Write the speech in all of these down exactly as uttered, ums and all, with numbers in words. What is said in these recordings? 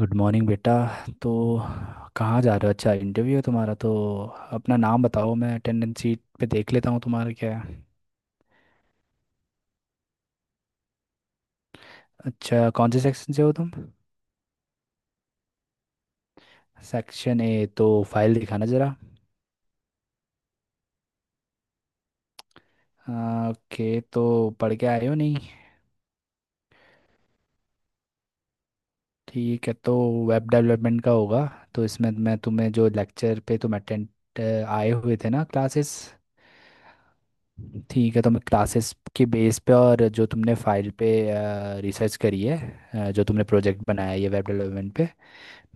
Good morning बेटा। तो कहाँ जा रहे हो? अच्छा, इंटरव्यू है तुम्हारा। तो अपना नाम बताओ, मैं अटेंडेंस शीट पे देख लेता हूँ, तुम्हारा क्या है? अच्छा, कौन से सेक्शन से हो तुम? Section A. तो फाइल दिखाना ज़रा। आ, ओके। तो पढ़ के आए हो नहीं? ठीक है, तो वेब डेवलपमेंट का होगा। तो इसमें मैं तुम्हें जो लेक्चर पे तुम अटेंड आए हुए थे ना क्लासेस। ठीक है, तो मैं क्लासेस के बेस पे और जो तुमने फाइल पे रिसर्च करी है, अ, जो तुमने प्रोजेक्ट बनाया है ये वेब डेवलपमेंट पे,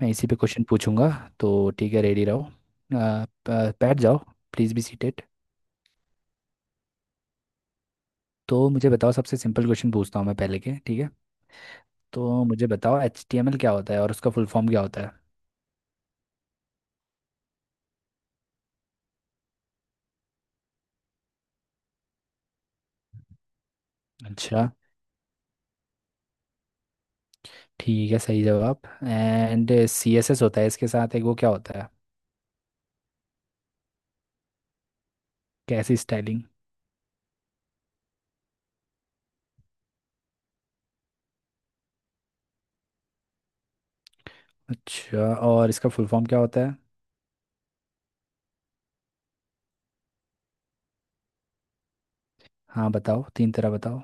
मैं इसी पे क्वेश्चन पूछूंगा। तो ठीक है, रेडी रहो। अ, प- बैठ जाओ। Please be seated. तो मुझे बताओ, सबसे सिंपल क्वेश्चन पूछता हूँ मैं पहले के, ठीक है? तो मुझे बताओ, एच टी एम एल क्या होता है और उसका फुल फॉर्म क्या होता है? अच्छा। ठीक है, सही जवाब। एंड सी एस एस होता है इसके साथ एक, वो क्या होता है? कैसी स्टाइलिंग? अच्छा, और इसका फुल फॉर्म क्या होता है? हाँ बताओ, तीन तरह बताओ।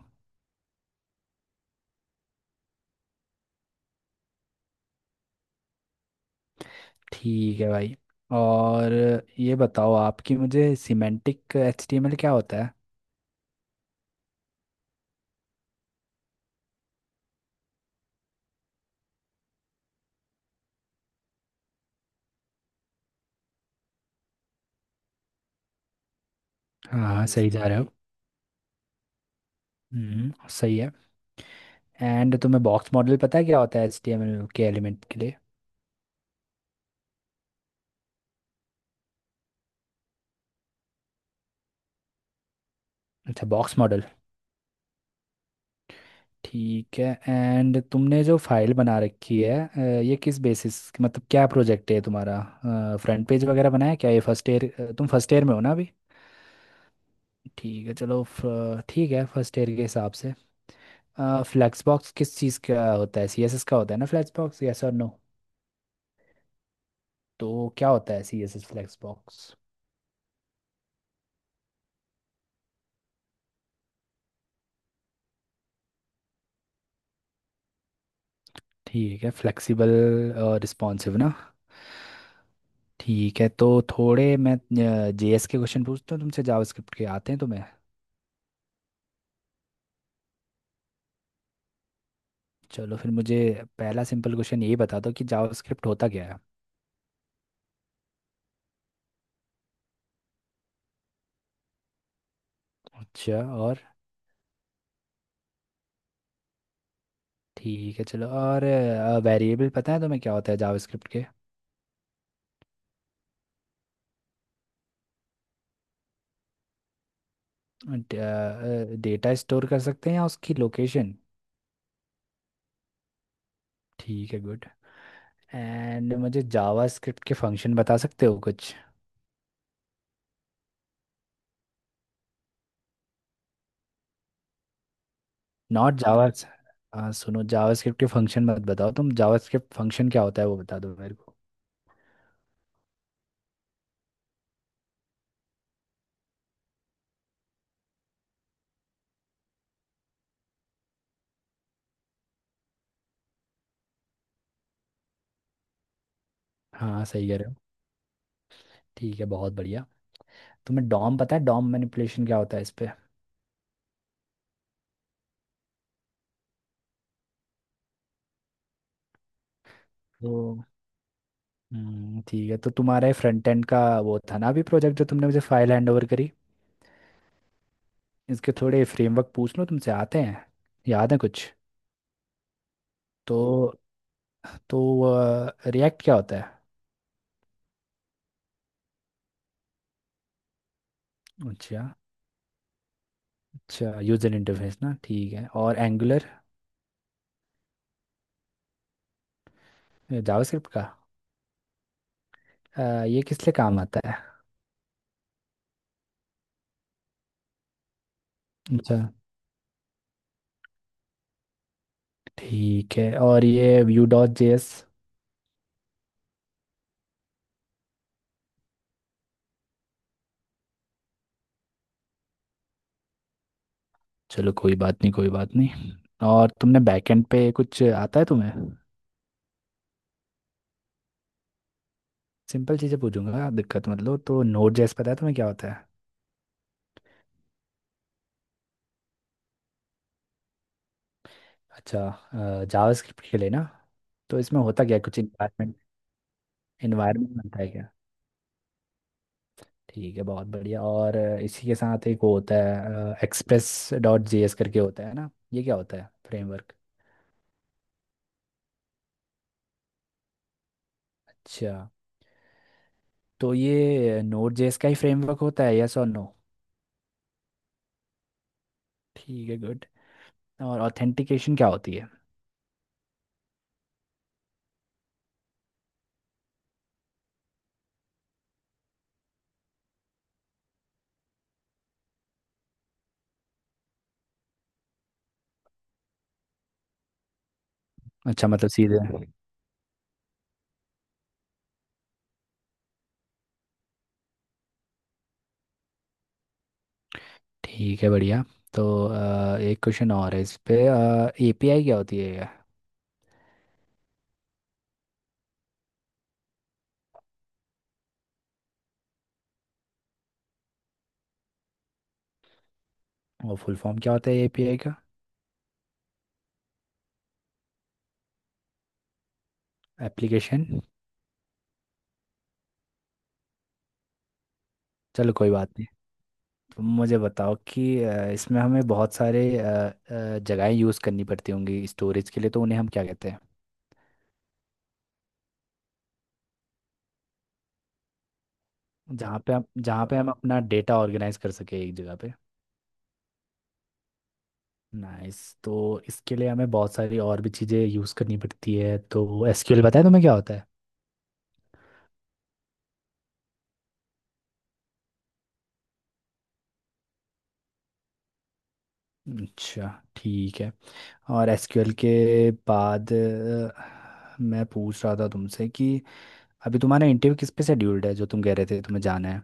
ठीक है भाई। और ये बताओ आपकी, मुझे semantic H T M L क्या होता है? हाँ हाँ, सही जा रहे हो। हम्म सही है। एंड तुम्हें बॉक्स मॉडल पता है क्या होता है एचटीएमएल के एलिमेंट के लिए? अच्छा, बॉक्स मॉडल। ठीक है। एंड तुमने जो फाइल बना रखी है अ, ये किस बेसिस, मतलब क्या प्रोजेक्ट है तुम्हारा? फ्रंट पेज वगैरह बनाया क्या? ये फर्स्ट ईयर, तुम फर्स्ट ईयर में हो ना अभी? ठीक है, चलो फ- ठीक है, फर्स्ट ईयर के हिसाब से। फ्लैक्स बॉक्स किस चीज़ का होता है? सीएसएस का होता है ना फ्लैक्स बॉक्स, यस और नो? तो क्या होता है सीएसएस फ्लैक्स बॉक्स? ठीक है, फ्लेक्सिबल और रिस्पॉन्सिव ना। ठीक है, तो थोड़े मैं जेएस के क्वेश्चन पूछता हूँ तुमसे, जावास्क्रिप्ट के आते हैं तुम्हें? चलो फिर मुझे पहला सिंपल क्वेश्चन ये बता दो कि जावास्क्रिप्ट होता क्या है? अच्छा, और? ठीक है, चलो, और वेरिएबल पता है तुम्हें क्या होता है जावास्क्रिप्ट के? डेटा स्टोर कर सकते हैं या उसकी लोकेशन? ठीक है, गुड। एंड मुझे जावास्क्रिप्ट के फंक्शन बता सकते हो कुछ? Not Java. हाँ सुनो, जावास्क्रिप्ट के फंक्शन मत बताओ तुम, जावास्क्रिप्ट फंक्शन क्या होता है वो बता दो मेरे को। हाँ, सही है। ठीक है, बहुत बढ़िया। तुम्हें डॉम पता है, डॉम मैनिपुलेशन क्या होता है इस पे? तो हम्म, ठीक है, तो तुम्हारे फ्रंट एंड का वो था ना अभी प्रोजेक्ट, जो तुमने मुझे फाइल हैंड ओवर करी। इसके थोड़े फ्रेमवर्क पूछ लो तुमसे, आते हैं? याद है कुछ? तो तो रिएक्ट क्या होता है? अच्छा। अच्छा, यूजर इंटरफेस ना, ठीक है। और एंगुलर? जावास्क्रिप्ट का। अ, ये किस लिए काम आता है? अच्छा, ठीक है। और ये व्यू डॉट जे एस? चलो, कोई बात नहीं, कोई बात नहीं। और तुमने बैकएंड पे कुछ आता है तुम्हें? सिंपल चीज़ें पूछूंगा, दिक्कत मत लो। तो नोड जेएस पता है तुम्हें क्या होता है? अच्छा, जावास्क्रिप्ट के लिए ना। तो इसमें होता क्या है, कुछ इन्वायरमेंट, इन्वायरमेंट बनता है क्या? ठीक है, बहुत बढ़िया। और अ, इसी के साथ एक वो होता है एक्सप्रेस डॉट जे एस करके, होता है ना? ये क्या होता है, फ्रेमवर्क? अच्छा, तो ये नोड जेएस का ही फ्रेमवर्क होता है, यस और नो? ठीक है, गुड। और ऑथेंटिकेशन क्या होती है? अच्छा, मतलब सीधे। ठीक है, बढ़िया। तो अ, एक क्वेश्चन और है इस पे, एपीआई क्या होती है? और फुल फॉर्म क्या होता है एपीआई का? एप्लीकेशन। चलो कोई बात नहीं। तुम मुझे बताओ कि अ, इसमें हमें बहुत सारे अ, अ, जगहें यूज़ करनी पड़ती होंगी स्टोरेज के लिए, तो उन्हें हम क्या कहते हैं? जहाँ पे हम जहाँ पे हम अपना डेटा ऑर्गेनाइज कर सके एक जगह पे। नाइस। तो इसके लिए हमें बहुत सारी और भी चीज़ें यूज़ करनी पड़ती है, तो एसक्यूएल बताया, तुम्हें क्या होता है? अच्छा, ठीक है। और एसक्यूएल के बाद अ, मैं पूछ रहा था तुमसे कि अभी तुम्हारा इंटरव्यू किस पे शेड्यूल्ड है जो तुम कह रहे थे तुम्हें जाना है?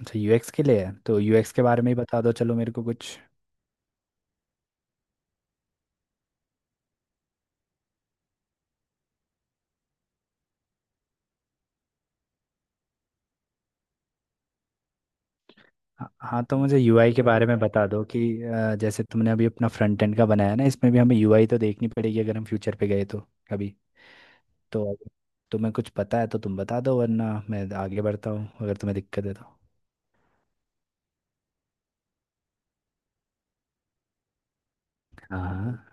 अच्छा, यूएक्स के लिए है, तो यूएक्स के बारे में ही बता दो चलो मेरे को कुछ। हाँ हाँ, तो मुझे यूआई के बारे में बता दो कि अ, जैसे तुमने अभी अपना फ्रंट एंड का बनाया ना, इसमें भी हमें यूआई तो देखनी पड़ेगी अगर हम फ्यूचर पे गए तो कभी। तो अगर तुम्हें कुछ पता है तो तुम बता दो, वरना मैं आगे बढ़ता हूँ अगर तुम्हें दिक्कत है तो। हाँ,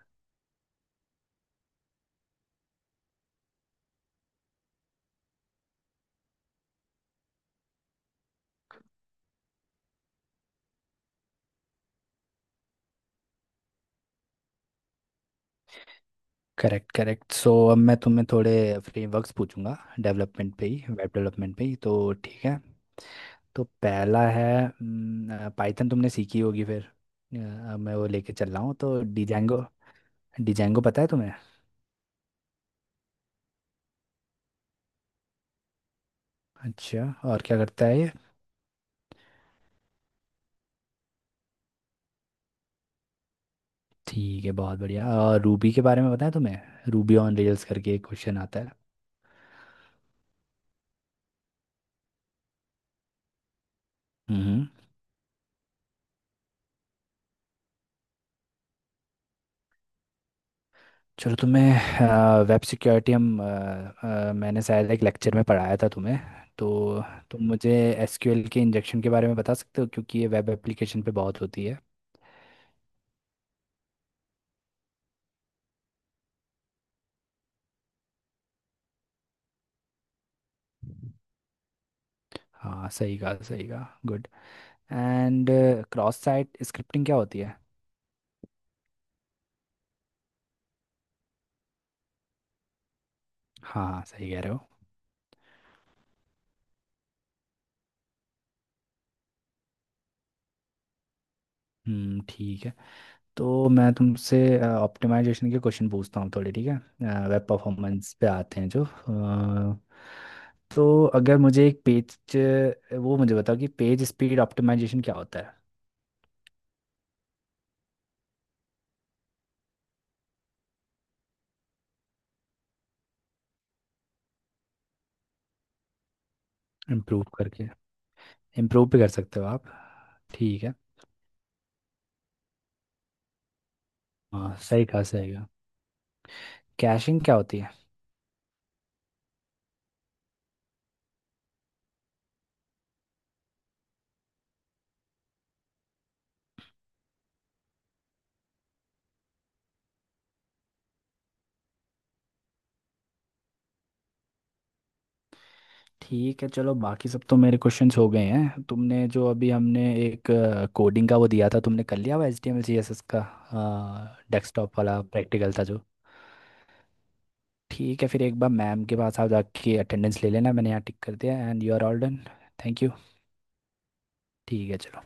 करेक्ट करेक्ट। सो अब मैं तुम्हें थोड़े फ्रेमवर्क्स पूछूंगा, डेवलपमेंट पे ही, वेब डेवलपमेंट पे ही तो। ठीक है। तो पहला है पाइथन, तुमने सीखी होगी फिर। अ, अब मैं वो लेके चल रहा हूँ, तो डिजेंगो, डिजेंगो पता है तुम्हें? अच्छा, और क्या करता है ये? ठीक है, बहुत बढ़िया। और रूबी के बारे में पता है तुम्हें? रूबी ऑन रेल्स करके एक क्वेश्चन आता है। हम्म। चलो, तुम्हें अ, वेब सिक्योरिटी हम, अ, अ, मैंने शायद एक लेक्चर में पढ़ाया था तुम्हें। तो तुम मुझे एसक्यूएल के इंजेक्शन के बारे में बता सकते हो क्योंकि ये वेब एप्लीकेशन पे बहुत होती है। हाँ, सही कहा, सही कहा, good. And cross site scripting क्या होती है? हाँ हाँ, सही कह रहे हो। हम्म ठीक है, तो मैं तुमसे ऑप्टिमाइजेशन के क्वेश्चन पूछता हूँ थोड़े, ठीक है? वेब परफॉर्मेंस पे आते हैं जो अ, तो अगर मुझे एक पेज, वो मुझे बताओ कि पेज स्पीड ऑप्टिमाइजेशन क्या होता है? इम्प्रूव करके, इम्प्रूव भी कर सकते हो आप। ठीक है। हाँ, सही कहा सही कहा। कैशिंग क्या होती है? ठीक है, चलो, बाकी सब तो मेरे क्वेश्चंस हो गए हैं। तुमने जो अभी हमने एक कोडिंग का वो दिया था, तुमने कर लिया हुआ? H T M L C S S का डेस्कटॉप वाला प्रैक्टिकल था जो। ठीक है, फिर एक बार मैम के पास आप जाके अटेंडेंस ले लेना, मैंने यहाँ टिक कर दिया, and you are all done. Thank you. ठीक है, चलो।